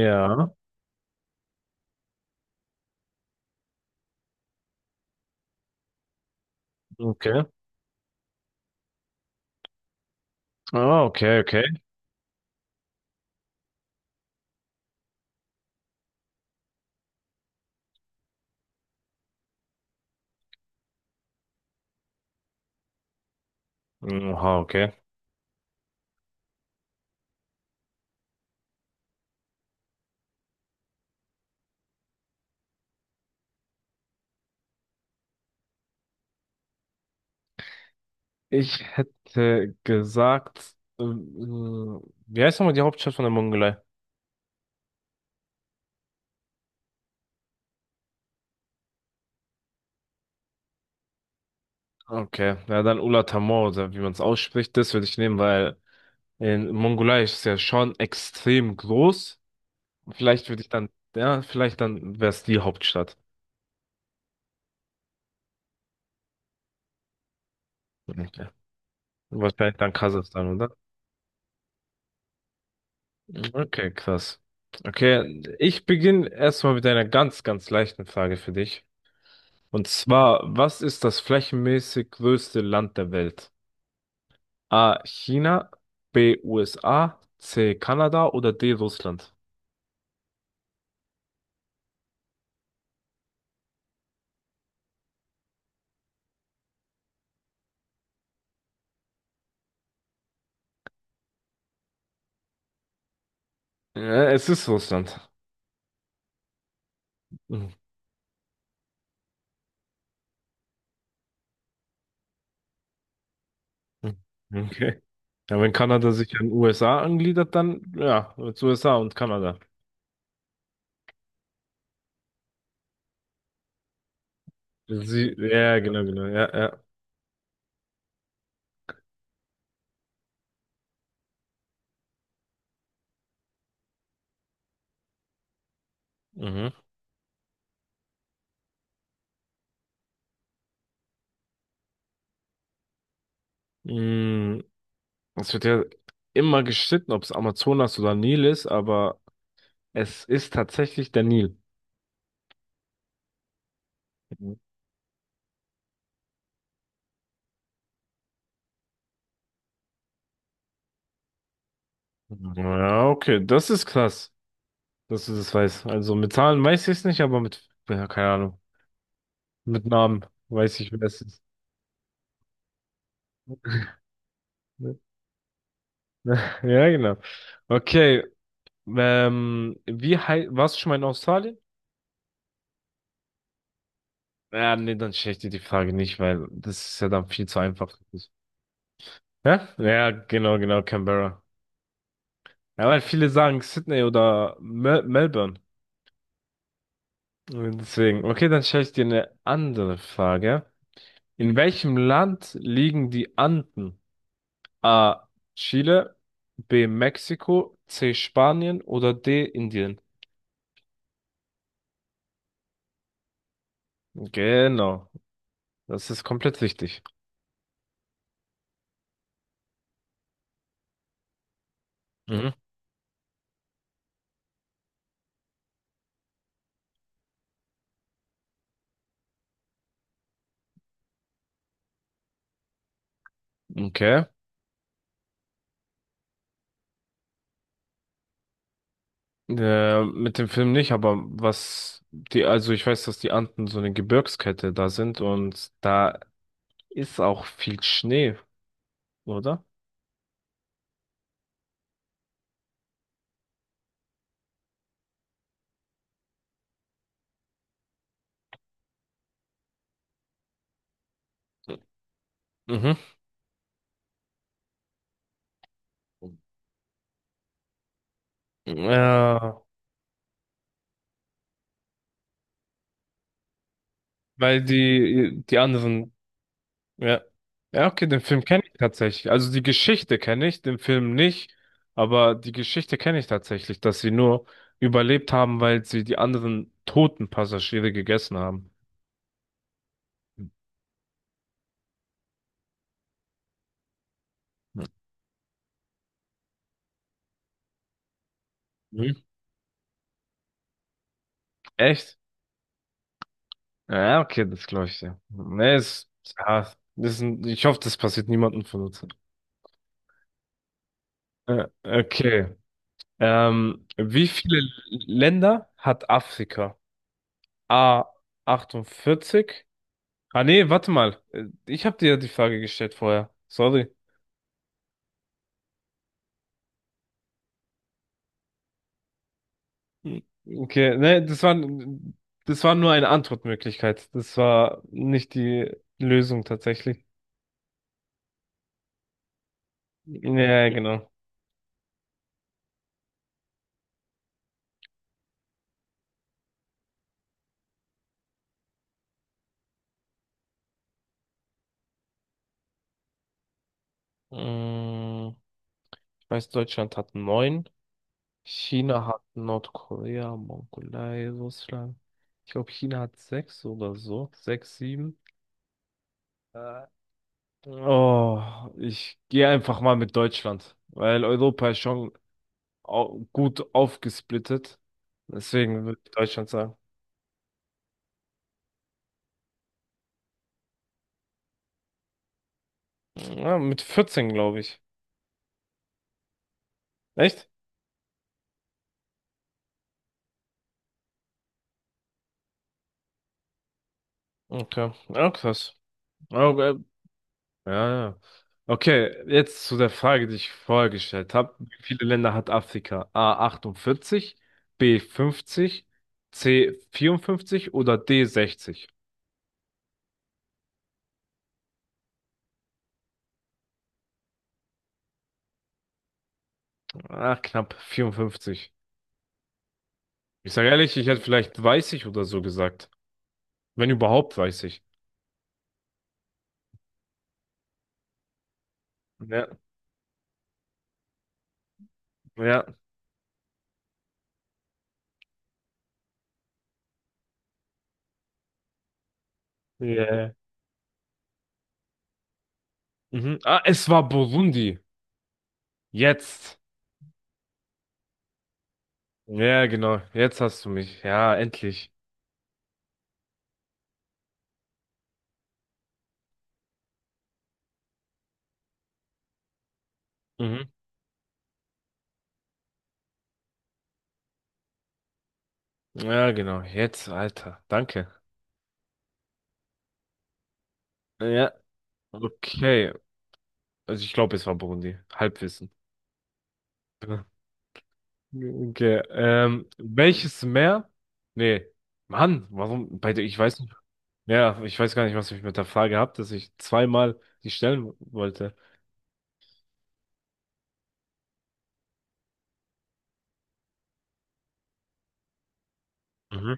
Ja, okay. Ah, okay, okay. Oha, okay. Ich hätte gesagt, wie heißt nochmal die Hauptstadt von der Mongolei? Okay, ja, dann Ulaanbaatar oder wie man es ausspricht, das würde ich nehmen, weil in Mongolei ist es ja schon extrem groß. Vielleicht würde ich dann, ja, vielleicht dann wäre es die Hauptstadt. Okay. Wahrscheinlich dann Kasachstan, oder? Okay, krass. Okay, ich beginne erstmal mit einer ganz, ganz leichten Frage für dich. Und zwar, was ist das flächenmäßig größte Land der Welt? A. China, B. USA, C. Kanada oder D. Russland? Ja, es ist Russland. Mhm. Okay. Ja, wenn Kanada sich an USA angliedert, dann ja, jetzt USA und Kanada. Sie, ja, genau, genau, ja, ja. Mhm. Mm, Es wird ja immer gestritten, ob es Amazonas oder Nil ist, aber es ist tatsächlich der Nil. Mhm. Ja, okay, das ist krass, dass du das weißt. Also mit Zahlen weiß ich es nicht, aber mit, ja, keine Ahnung, mit Namen weiß ich, wer es ist. Ne? Ja, genau. Okay, warst du schon mal in Australien? Ja, nee, dann stelle ich dir die Frage nicht, weil das ist ja dann viel zu einfach. Hä? Ja, genau, genau, Canberra. Ja, weil viele sagen Sydney oder Melbourne. Deswegen, okay, dann stelle ich dir eine andere Frage. In welchem Land liegen die Anden? A. Chile, B. Mexiko, C. Spanien oder D. Indien. Genau, das ist komplett richtig. Mhm. Okay. Mit dem Film nicht, aber also ich weiß, dass die Anden so eine Gebirgskette da sind und da ist auch viel Schnee, oder? Mhm. Ja, weil die anderen. Ja. Ja, okay, den Film kenne ich tatsächlich. Also die Geschichte kenne ich, den Film nicht, aber die Geschichte kenne ich tatsächlich, dass sie nur überlebt haben, weil sie die anderen toten Passagiere gegessen haben. Mhm. Echt? Ja, okay, das glaube ich dir. Nee, ja, ich hoffe, das passiert niemandem von uns. Okay. Wie viele Länder hat Afrika? A 48. Ah nee, warte mal. Ich habe dir ja die Frage gestellt vorher. Sorry. Hm. Okay, nee, das war nur eine Antwortmöglichkeit. Das war nicht die Lösung tatsächlich. Ja, ja, genau. Mm, Ich weiß, Deutschland hat neun. China hat Nordkorea, Mongolei, Russland. Ich glaube, China hat sechs oder so. Sechs, sieben. Äh, Oh, ich gehe einfach mal mit Deutschland, weil Europa ist schon gut aufgesplittet. Deswegen würde ich Deutschland sagen. Ja, mit 14, glaube ich. Echt? Okay. Ja, krass. Okay. Ja, ja. Okay, jetzt zu der Frage, die ich vorher gestellt habe. Wie viele Länder hat Afrika? A 48, B 50, C 54 oder D 60? Ah, knapp 54. Ich sage ehrlich, ich hätte vielleicht 30 oder so gesagt. Wenn überhaupt 30. Ja, ja. Yeah. Mhm. Ah, es war Burundi. Jetzt. Ja, genau. Jetzt hast du mich. Ja, endlich. Mhm. Ja, genau. Jetzt, Alter. Danke. Ja. Okay. Also ich glaube, es war Burundi. Halbwissen. Ja. Okay. Welches Meer? Nee. Mann, warum? Bei der, ich weiß nicht. Ja, ich weiß gar nicht, was ich mit der Frage hab, dass ich zweimal die stellen wollte. Mhm.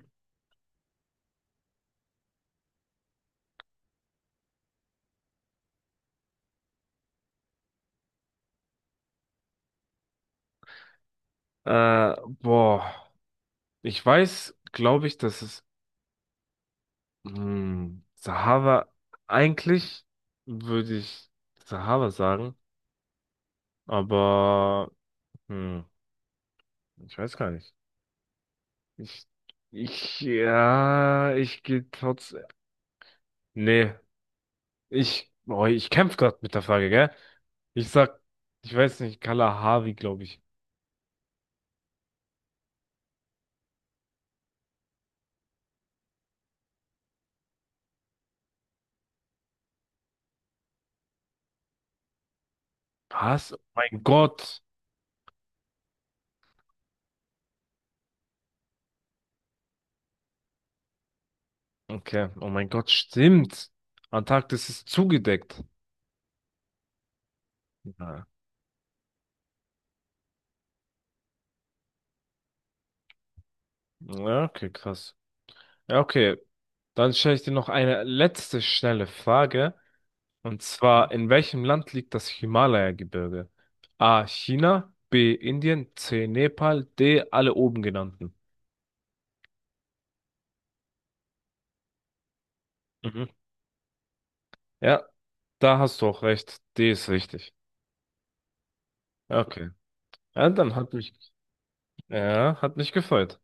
Äh, Boah. Ich weiß, glaube ich, dass es Sahara, eigentlich würde ich Sahara sagen, aber hm, ich weiß gar nicht. Ich, ich, ja, ich gehe trotz, nee, ich, oh, ich kämpf grad mit der Frage, gell? Ich sag, ich weiß nicht, Kalahari, glaube ich. Was? Oh mein Gott. Okay, oh mein Gott, stimmt. Antarktis ist zugedeckt. Ja, ja, okay, krass. Ja, okay, dann stelle ich dir noch eine letzte schnelle Frage. Und zwar, in welchem Land liegt das Himalaya-Gebirge? A. China, B. Indien, C. Nepal, D. Alle oben genannten. Mhm. Ja, da hast du auch recht. D ist richtig. Okay. Ja, dann hat mich, ja, hat mich gefreut.